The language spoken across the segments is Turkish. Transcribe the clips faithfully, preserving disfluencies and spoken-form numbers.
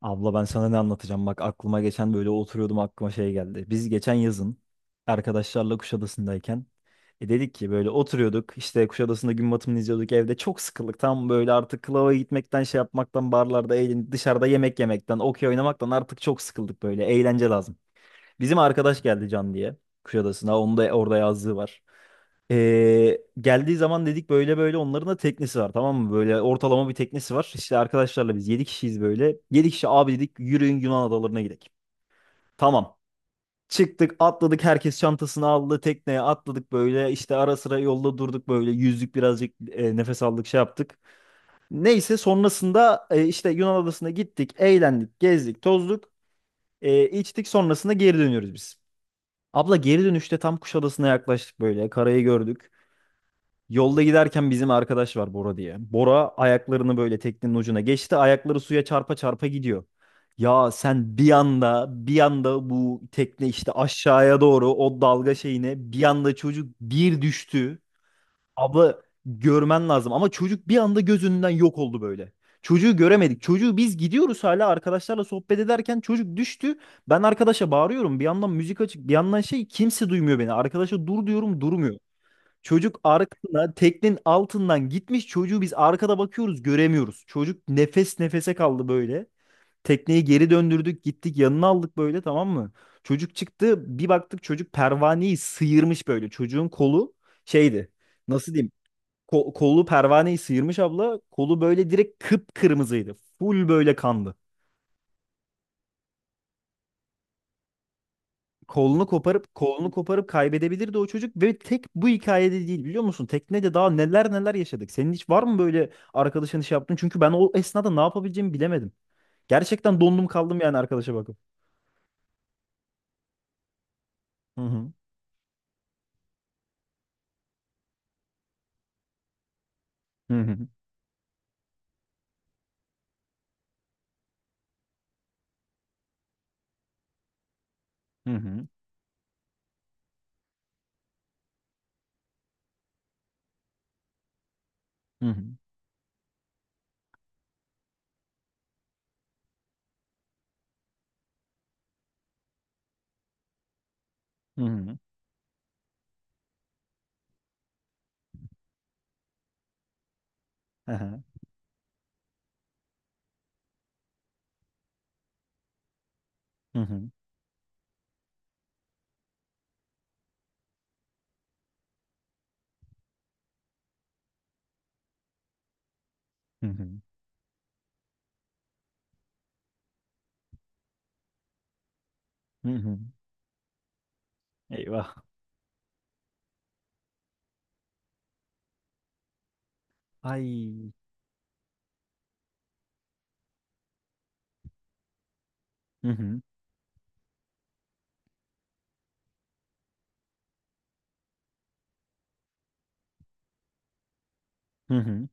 Abla ben sana ne anlatacağım? Bak aklıma geçen böyle oturuyordum, aklıma şey geldi. Biz geçen yazın arkadaşlarla Kuşadası'ndayken e dedik ki böyle oturuyorduk işte Kuşadası'nda gün batımını izliyorduk, evde çok sıkıldık. Tam böyle artık klava gitmekten, şey yapmaktan, barlarda eğlen, dışarıda yemek yemekten, okey oynamaktan artık çok sıkıldık, böyle eğlence lazım. Bizim arkadaş geldi Can diye Kuşadası'na, onun da orada yazlığı var. Ee, geldiği zaman dedik böyle böyle, onların da teknesi var, tamam mı? Böyle ortalama bir teknesi var. İşte arkadaşlarla biz yedi kişiyiz böyle. Yedi kişi abi, dedik, yürüyün Yunan adalarına gidelim. Tamam. Çıktık atladık, herkes çantasını aldı, tekneye atladık böyle, işte ara sıra yolda durduk, böyle yüzdük birazcık, e, nefes aldık, şey yaptık. Neyse sonrasında, e, işte Yunan adasına gittik, eğlendik, gezdik, tozduk, e, içtik, sonrasında geri dönüyoruz biz. Abla geri dönüşte tam Kuşadası'na yaklaştık, böyle karayı gördük. Yolda giderken bizim arkadaş var, Bora diye. Bora ayaklarını böyle teknenin ucuna geçti. Ayakları suya çarpa çarpa gidiyor. Ya sen bir anda bir anda bu tekne işte aşağıya doğru o dalga şeyine, bir anda çocuk bir düştü. Abla görmen lazım ama çocuk bir anda gözünden yok oldu böyle. Çocuğu göremedik. Çocuğu biz gidiyoruz hala, arkadaşlarla sohbet ederken çocuk düştü. Ben arkadaşa bağırıyorum. Bir yandan müzik açık, bir yandan şey, kimse duymuyor beni. Arkadaşa dur diyorum, durmuyor. Çocuk arkasına, teknenin altından gitmiş. Çocuğu biz arkada bakıyoruz, göremiyoruz. Çocuk nefes nefese kaldı böyle. Tekneyi geri döndürdük, gittik yanına aldık böyle, tamam mı? Çocuk çıktı, bir baktık çocuk pervaneyi sıyırmış böyle. Çocuğun kolu şeydi, nasıl diyeyim, ko- kolu pervaneyi sıyırmış abla. Kolu böyle direkt kıpkırmızıydı. Full böyle kandı. kolunu koparıp kolunu koparıp kaybedebilirdi o çocuk ve tek bu hikayede değil, biliyor musun? Teknede daha neler neler yaşadık. Senin hiç var mı böyle, arkadaşın iş yaptın? Çünkü ben o esnada ne yapabileceğimi bilemedim. Gerçekten dondum kaldım yani, arkadaşa bakıp. Hı hı. Hı hı. Hı hı. Hı hı. Hı hı. Hı hı. Hı hı. Hı hı. Hı hı. Eyvah. Ay. Hı hı. Hı hı.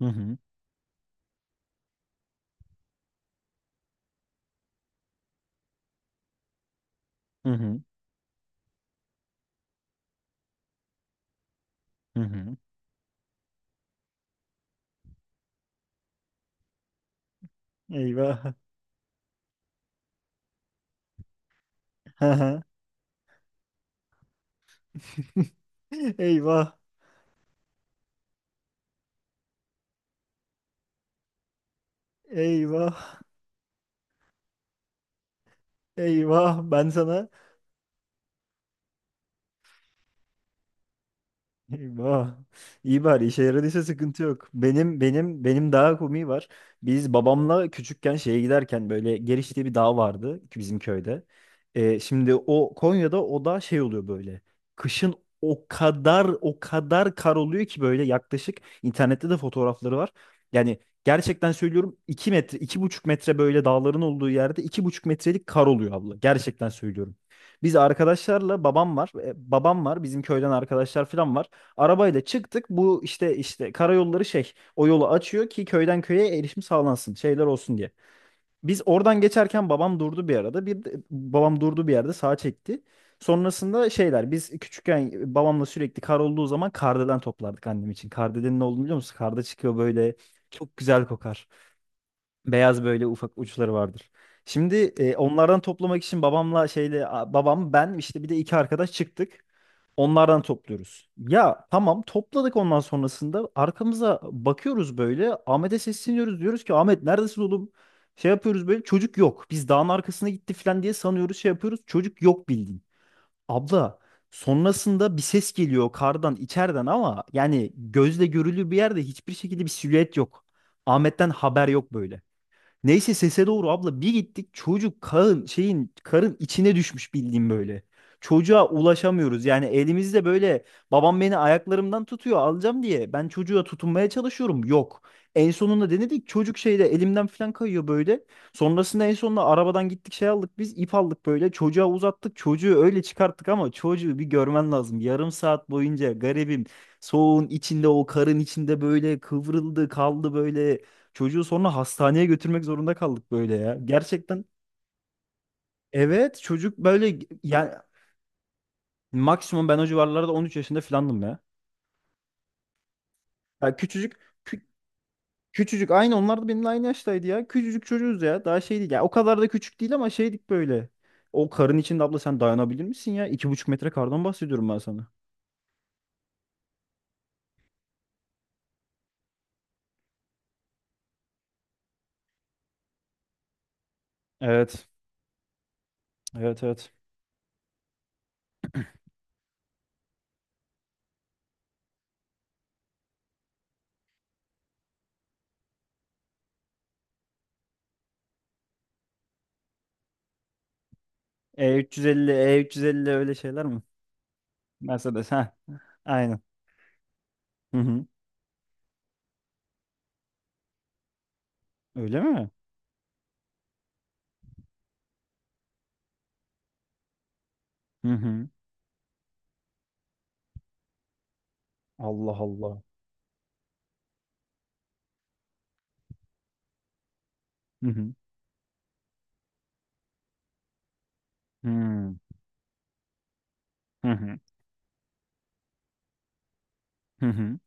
Hı hı. Hı hı. Hı hı. Eyvah. Hı hı. Eyvah. Eyvah. Eyvah. Ben sana. Eyvah. İyi bari işe yaradıysa sıkıntı yok. Benim benim benim daha komiği var. Biz babamla küçükken şeye giderken böyle Geriş diye bir dağ vardı ki bizim köyde. Ee, şimdi o Konya'da o da şey oluyor böyle. Kışın o kadar o kadar kar oluyor ki, böyle yaklaşık, internette de fotoğrafları var. Yani gerçekten söylüyorum iki metre iki buçuk metre böyle, dağların olduğu yerde iki buçuk metrelik kar oluyor abla. Gerçekten söylüyorum. Biz arkadaşlarla, babam var. e, Babam var. Bizim köyden arkadaşlar falan var. Arabayla çıktık. Bu işte işte karayolları şey o yolu açıyor ki köyden köye erişim sağlansın, şeyler olsun diye. Biz oradan geçerken babam durdu bir arada. Bir de- babam durdu bir yerde, sağa çekti. Sonrasında şeyler, biz küçükken babamla sürekli kar olduğu zaman kardelen toplardık annem için. Kardelen'in ne olduğunu biliyor musun? Karda çıkıyor böyle, çok güzel kokar. Beyaz böyle ufak uçları vardır. Şimdi e, onlardan toplamak için babamla şeyle, a- babam, ben işte, bir de iki arkadaş çıktık. Onlardan topluyoruz. Ya tamam topladık, ondan sonrasında arkamıza bakıyoruz böyle, Ahmet'e sesleniyoruz diyoruz ki Ahmet neredesin oğlum? Şey yapıyoruz böyle, çocuk yok. Biz dağın arkasına gitti falan diye sanıyoruz, şey yapıyoruz, çocuk yok bildiğin. Abla sonrasında bir ses geliyor kardan içeriden, ama yani gözle görülür bir yerde hiçbir şekilde bir silüet yok. Ahmet'ten haber yok böyle. Neyse sese doğru abla bir gittik, çocuk karın şeyin, karın içine düşmüş bildiğim böyle. Çocuğa ulaşamıyoruz, yani elimizde böyle, babam beni ayaklarımdan tutuyor, alacağım diye ben çocuğa tutunmaya çalışıyorum, yok. En sonunda denedik, çocuk şeyde, elimden falan kayıyor böyle. Sonrasında en sonunda arabadan gittik, şey aldık biz, ip aldık, böyle çocuğa uzattık, çocuğu öyle çıkarttık, ama çocuğu bir görmen lazım. Yarım saat boyunca garibim, soğuğun içinde o karın içinde böyle kıvrıldı kaldı böyle. Çocuğu sonra hastaneye götürmek zorunda kaldık böyle ya. Gerçekten, evet, çocuk böyle, yani maksimum ben o civarlarda on üç yaşında falandım ya. Ya küçücük, kü- küçücük, aynı onlar da benimle aynı yaştaydı ya. Küçücük çocuğuz ya. Daha şeydik ya. O kadar da küçük değil ama şeydik böyle. O karın içinde abla sen dayanabilir misin ya? iki buçuk metre kardan bahsediyorum ben sana. Evet. Evet evet. E üç yüz elli, E üç yüz elli öyle şeyler mi? Mercedes ha. Aynen. Hı hı. Öyle mi? Hı hı. Allah Allah. Hı hı. Hı hı. Hı hı.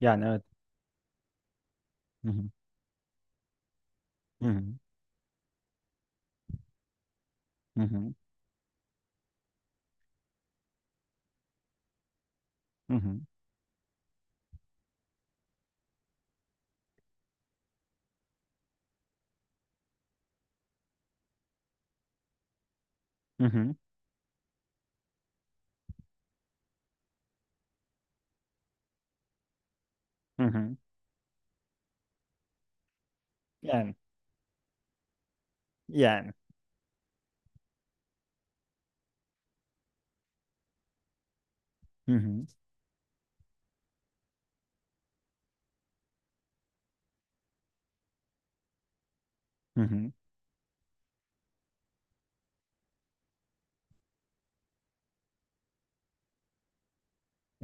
Yani evet. Hı hı. Hı hı. Hı hı. Hı hı. Hı hı. Hı hı. Yani. Yani. Hı hı. Hı hı.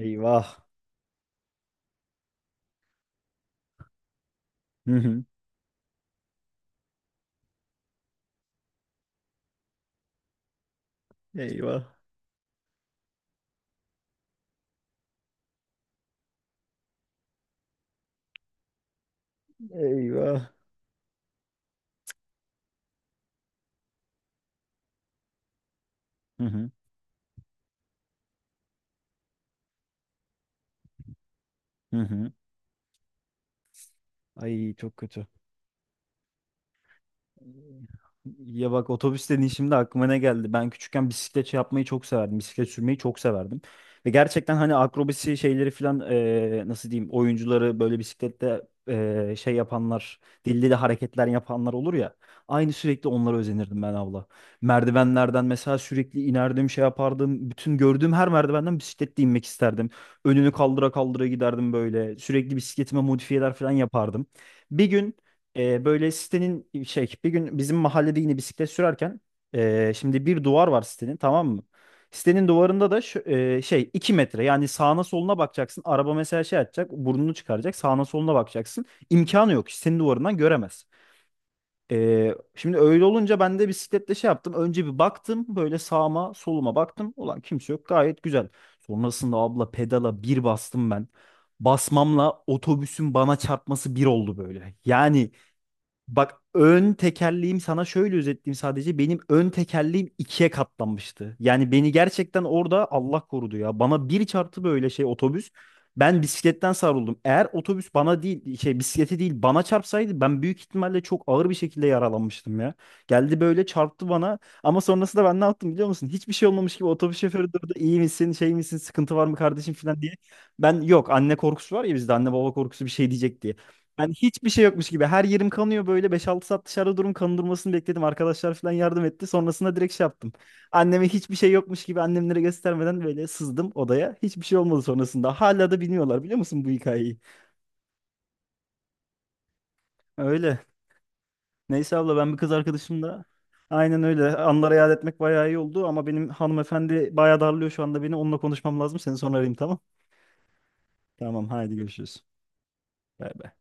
Eyvah. Hı hı. Eyvah. Eyvah. Hı hı. Hı hı. Ay çok kötü. Ya bak, otobüs dediğin, şimdi aklıma ne geldi? Ben küçükken bisiklet şey yapmayı çok severdim. Bisiklet sürmeyi çok severdim. Ve gerçekten, hani akrobasi şeyleri falan, eee, nasıl diyeyim, oyuncuları böyle bisiklette, eee, şey yapanlar, dilli de hareketler yapanlar olur ya. Aynı sürekli onlara özenirdim ben abla. Merdivenlerden mesela sürekli inerdim, şey yapardım. Bütün gördüğüm her merdivenden bisikletle inmek isterdim. Önünü kaldıra kaldıra giderdim böyle. Sürekli bisikletime modifiyeler falan yapardım. Bir gün, e, böyle sitenin şey, bir gün bizim mahallede yine bisiklet sürerken, e, şimdi bir duvar var sitenin, tamam mı? Sitenin duvarında da şu, e, şey iki metre, yani sağına soluna bakacaksın. Araba mesela şey atacak, burnunu çıkaracak, sağına soluna bakacaksın. İmkanı yok, sitenin duvarından göremez. E, şimdi öyle olunca ben de bisikletle şey yaptım. Önce bir baktım böyle, sağıma soluma baktım. Ulan kimse yok, gayet güzel. Sonrasında abla pedala bir bastım ben. Basmamla otobüsün bana çarpması bir oldu böyle. Yani, bak ön tekerleğim sana şöyle özetleyeyim sadece. Benim ön tekerleğim ikiye katlanmıştı. Yani beni gerçekten orada Allah korudu ya. Bana bir çarptı böyle şey, otobüs. Ben bisikletten savruldum. Eğer otobüs bana değil, şey bisikleti değil bana çarpsaydı, ben büyük ihtimalle çok ağır bir şekilde yaralanmıştım ya. Geldi böyle çarptı bana, ama sonrasında ben ne yaptım biliyor musun? Hiçbir şey olmamış gibi otobüs şoförü durdu. İyi misin, şey misin, sıkıntı var mı kardeşim, falan diye. Ben yok, anne korkusu var ya bizde, anne baba korkusu, bir şey diyecek diye. Yani hiçbir şey yokmuş gibi. Her yerim kanıyor böyle. Beş altı saat dışarıda durum kan durmasını bekledim. Arkadaşlar falan yardım etti. Sonrasında direkt şey yaptım. Anneme hiçbir şey yokmuş gibi, annemlere göstermeden, böyle sızdım odaya. Hiçbir şey olmadı sonrasında. Hala da bilmiyorlar biliyor musun bu hikayeyi? Öyle. Neyse abla ben bir kız arkadaşımla, aynen öyle. Anlara yad etmek bayağı iyi oldu ama benim hanımefendi bayağı darlıyor şu anda beni. Onunla konuşmam lazım. Seni sonra arayayım, tamam? Tamam haydi görüşürüz. Bay bay.